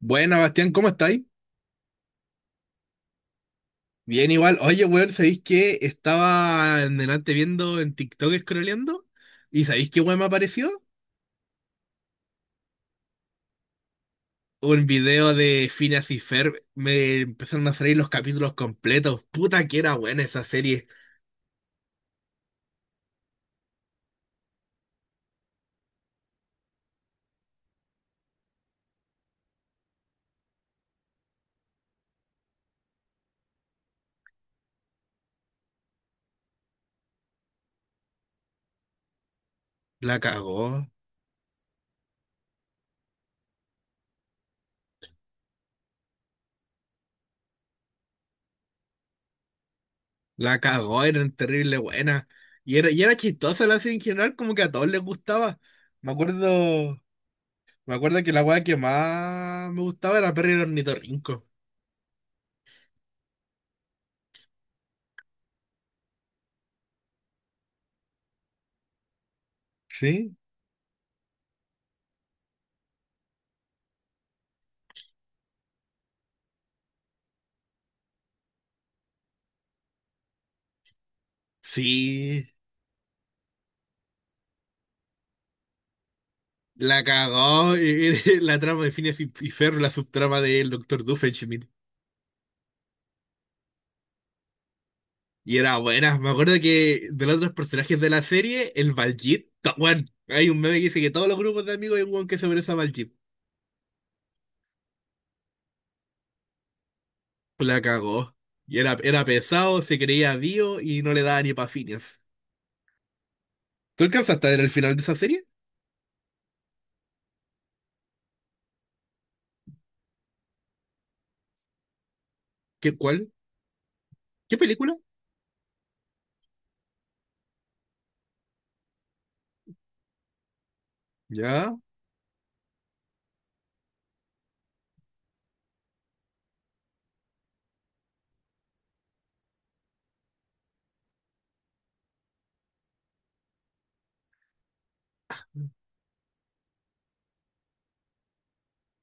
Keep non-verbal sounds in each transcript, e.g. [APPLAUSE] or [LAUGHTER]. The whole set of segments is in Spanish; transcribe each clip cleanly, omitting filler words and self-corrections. Buena, Bastián, ¿cómo estáis? Bien, igual. Oye, weón, ¿sabéis que estaba en delante viendo en TikTok scrolleando? ¿Y sabéis qué weón me apareció? Un video de Phineas y Ferb. Me empezaron a salir los capítulos completos. Puta que era buena esa serie. La cagó. La cagó, era terrible buena. Y era chistosa la serie en general, como que a todos les gustaba. Me acuerdo, me acuerdo que la weá que más me gustaba era Perry el ornitorrinco. Sí, sí, la cagó. Y- [LAUGHS] La trama de Phineas y Ferb, la subtrama del doctor Doofenshmirtz. Y era buena. Me acuerdo que de los otros personajes de la serie, el Baljeet, to- weón, hay un meme que dice que todos los grupos de amigos hay un weón que se parece a Baljeet. La cagó. Y era, era pesado, se creía vivo y no le daba ni pa' Phineas. ¿Tú alcanzaste a ver el final de esa serie? ¿Qué, cuál? ¿Qué película? Ya,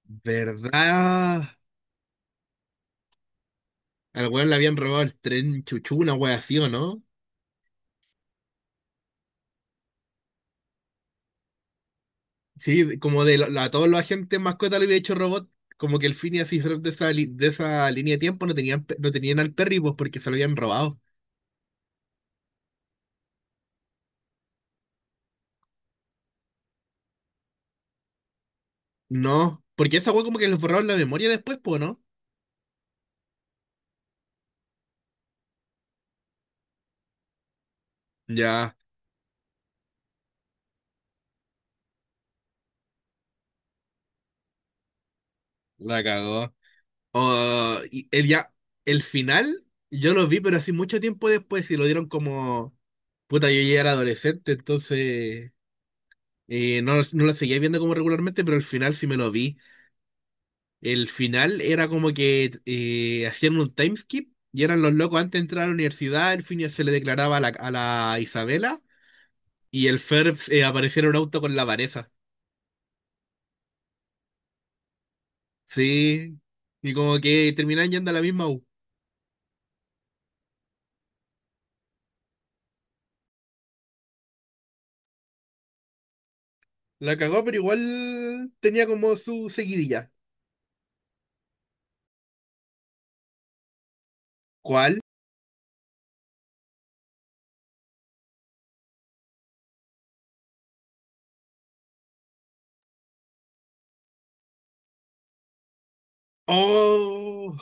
¿verdad? Al weón le habían robado el tren chuchu, una wea así, ¿o no? Sí, como de a todos los agentes mascota le había hecho robot, como que el Phineas y Ferb de de esa línea de tiempo no tenían al Perry, pues porque se lo habían robado. No, porque esa weá como que les borraron la memoria después, pues, ¿no? Ya, la cagó. Oh, y el ya, el final, yo lo vi, pero así mucho tiempo después y lo dieron como, puta, yo ya era adolescente, entonces no, no lo seguía viendo como regularmente, pero el final sí me lo vi. El final era como que hacían un time skip y eran los locos antes de entrar a la universidad, el fin se le declaraba a la Isabela y el Ferbs aparecía en un auto con la Vanessa. Sí, y como que terminaban yendo a la misma U. La cagó, pero igual tenía como su seguidilla. ¿Cuál? Oh,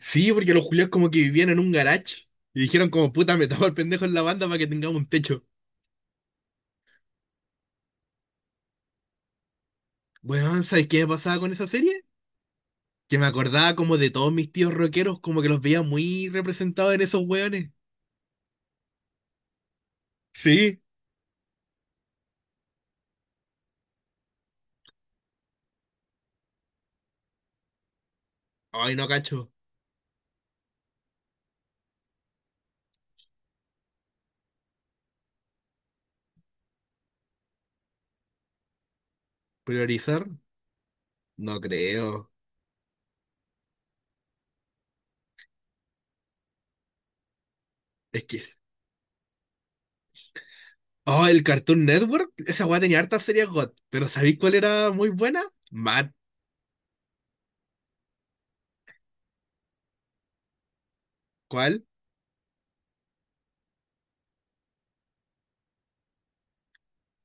sí, porque los culiados como que vivían en un garage y dijeron como puta, metamos al pendejo en la banda para que tengamos un techo. Bueno, ¿sabes qué me pasaba con esa serie? Que me acordaba como de todos mis tíos rockeros, como que los veía muy representados en esos hueones. Sí, ay, no cacho. ¿Priorizar? No creo. Es que. Oh, el Cartoon Network. Esa weá tenía hartas series GOT. Pero ¿sabéis cuál era muy buena? Matt. ¿Cuál?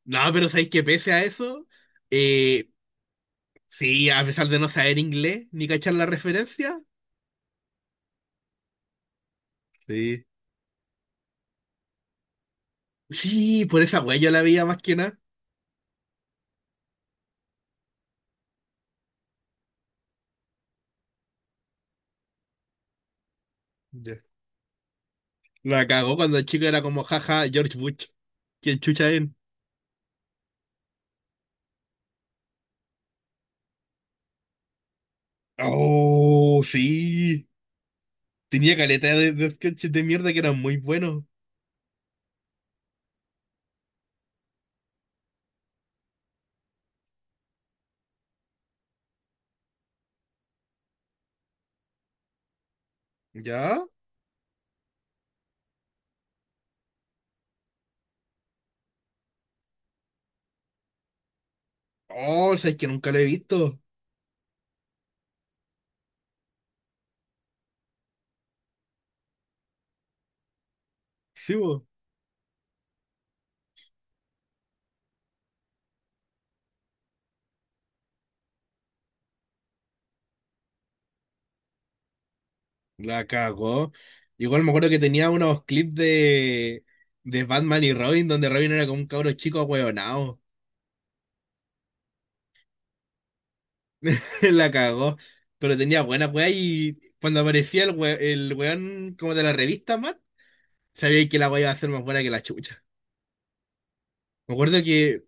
No, pero ¿sabéis que pese a eso? Eh, sí, a pesar de no saber inglés ni cachar la referencia. Sí, sí, por esa weá yo la veía más que nada. Ya, la cagó cuando el chico era como jaja, George Bush. ¿Quién chucha es? Oh, sí. Tenía caleta de sketches de mierda que eran muy buenos. ¿Ya? Oh, sabes que nunca lo he visto. Sí, bo. La cagó. Igual me acuerdo que tenía unos clips de Batman y Robin, donde Robin era como un cabro chico ahueonado. [LAUGHS] La cagó. Pero tenía buena weá y cuando aparecía el weón como de la revista, Matt, sabía que la weá iba a ser más buena que la chucha. Me acuerdo que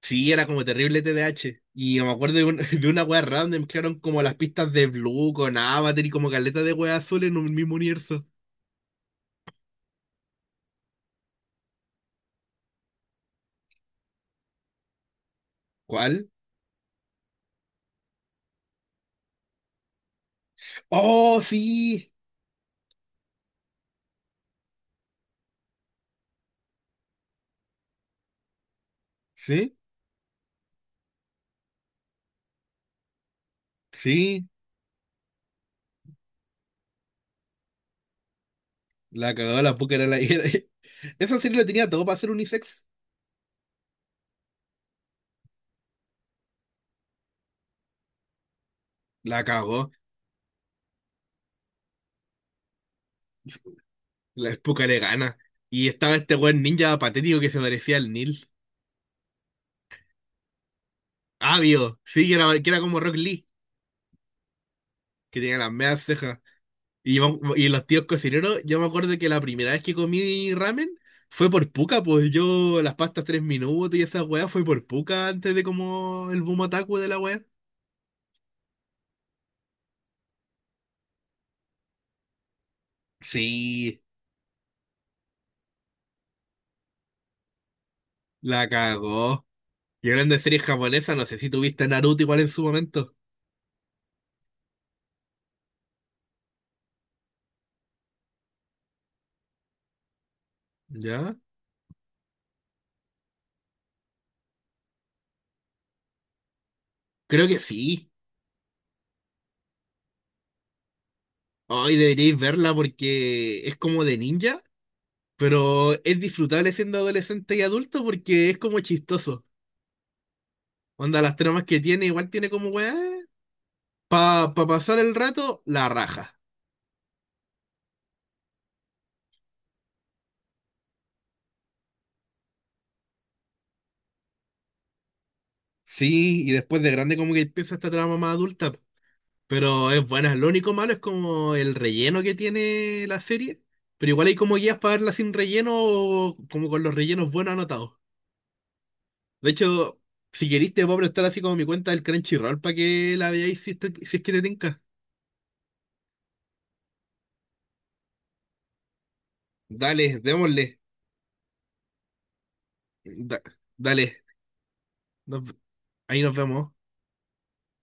sí, era como terrible TDH. Y yo me acuerdo [LAUGHS] de una wea random, mezclaron como las pistas de Blue con Avatar y como caleta de wea azul en un mismo universo. ¿Cuál? ¡Oh, sí! Sí, sí. La cagó, la puca era la. [LAUGHS] Esa serie lo tenía todo para ser unisex. La cagó. La puca le gana. Y estaba este buen ninja patético que se parecía al Neil. Avio, sí, que era, como Rock Lee, que tenía las medias cejas. Y los tíos cocineros, yo me acuerdo que la primera vez que comí ramen fue por puca, pues yo las pastas 3 minutos y esa weá fue por puca antes de como el boom otaku de la weá. Sí, la cagó. Y hablando de series japonesas, no sé si tuviste Naruto igual en su momento. ¿Ya? Creo que sí. Hoy deberíais verla porque es como de ninja, pero es disfrutable siendo adolescente y adulto porque es como chistoso. Onda, las tramas que tiene, igual tiene como weá para pasar el rato, la raja. Sí, y después de grande como que empieza esta trama más adulta, po. Pero es buena. Lo único malo es como el relleno que tiene la serie, pero igual hay como guías para verla sin relleno o como con los rellenos buenos anotados. De hecho, si querís te puedo prestar así como mi cuenta del Crunchyroll para que la veáis si es que te tinca. Dale, démosle. Da- dale, Nos- ahí nos vemos.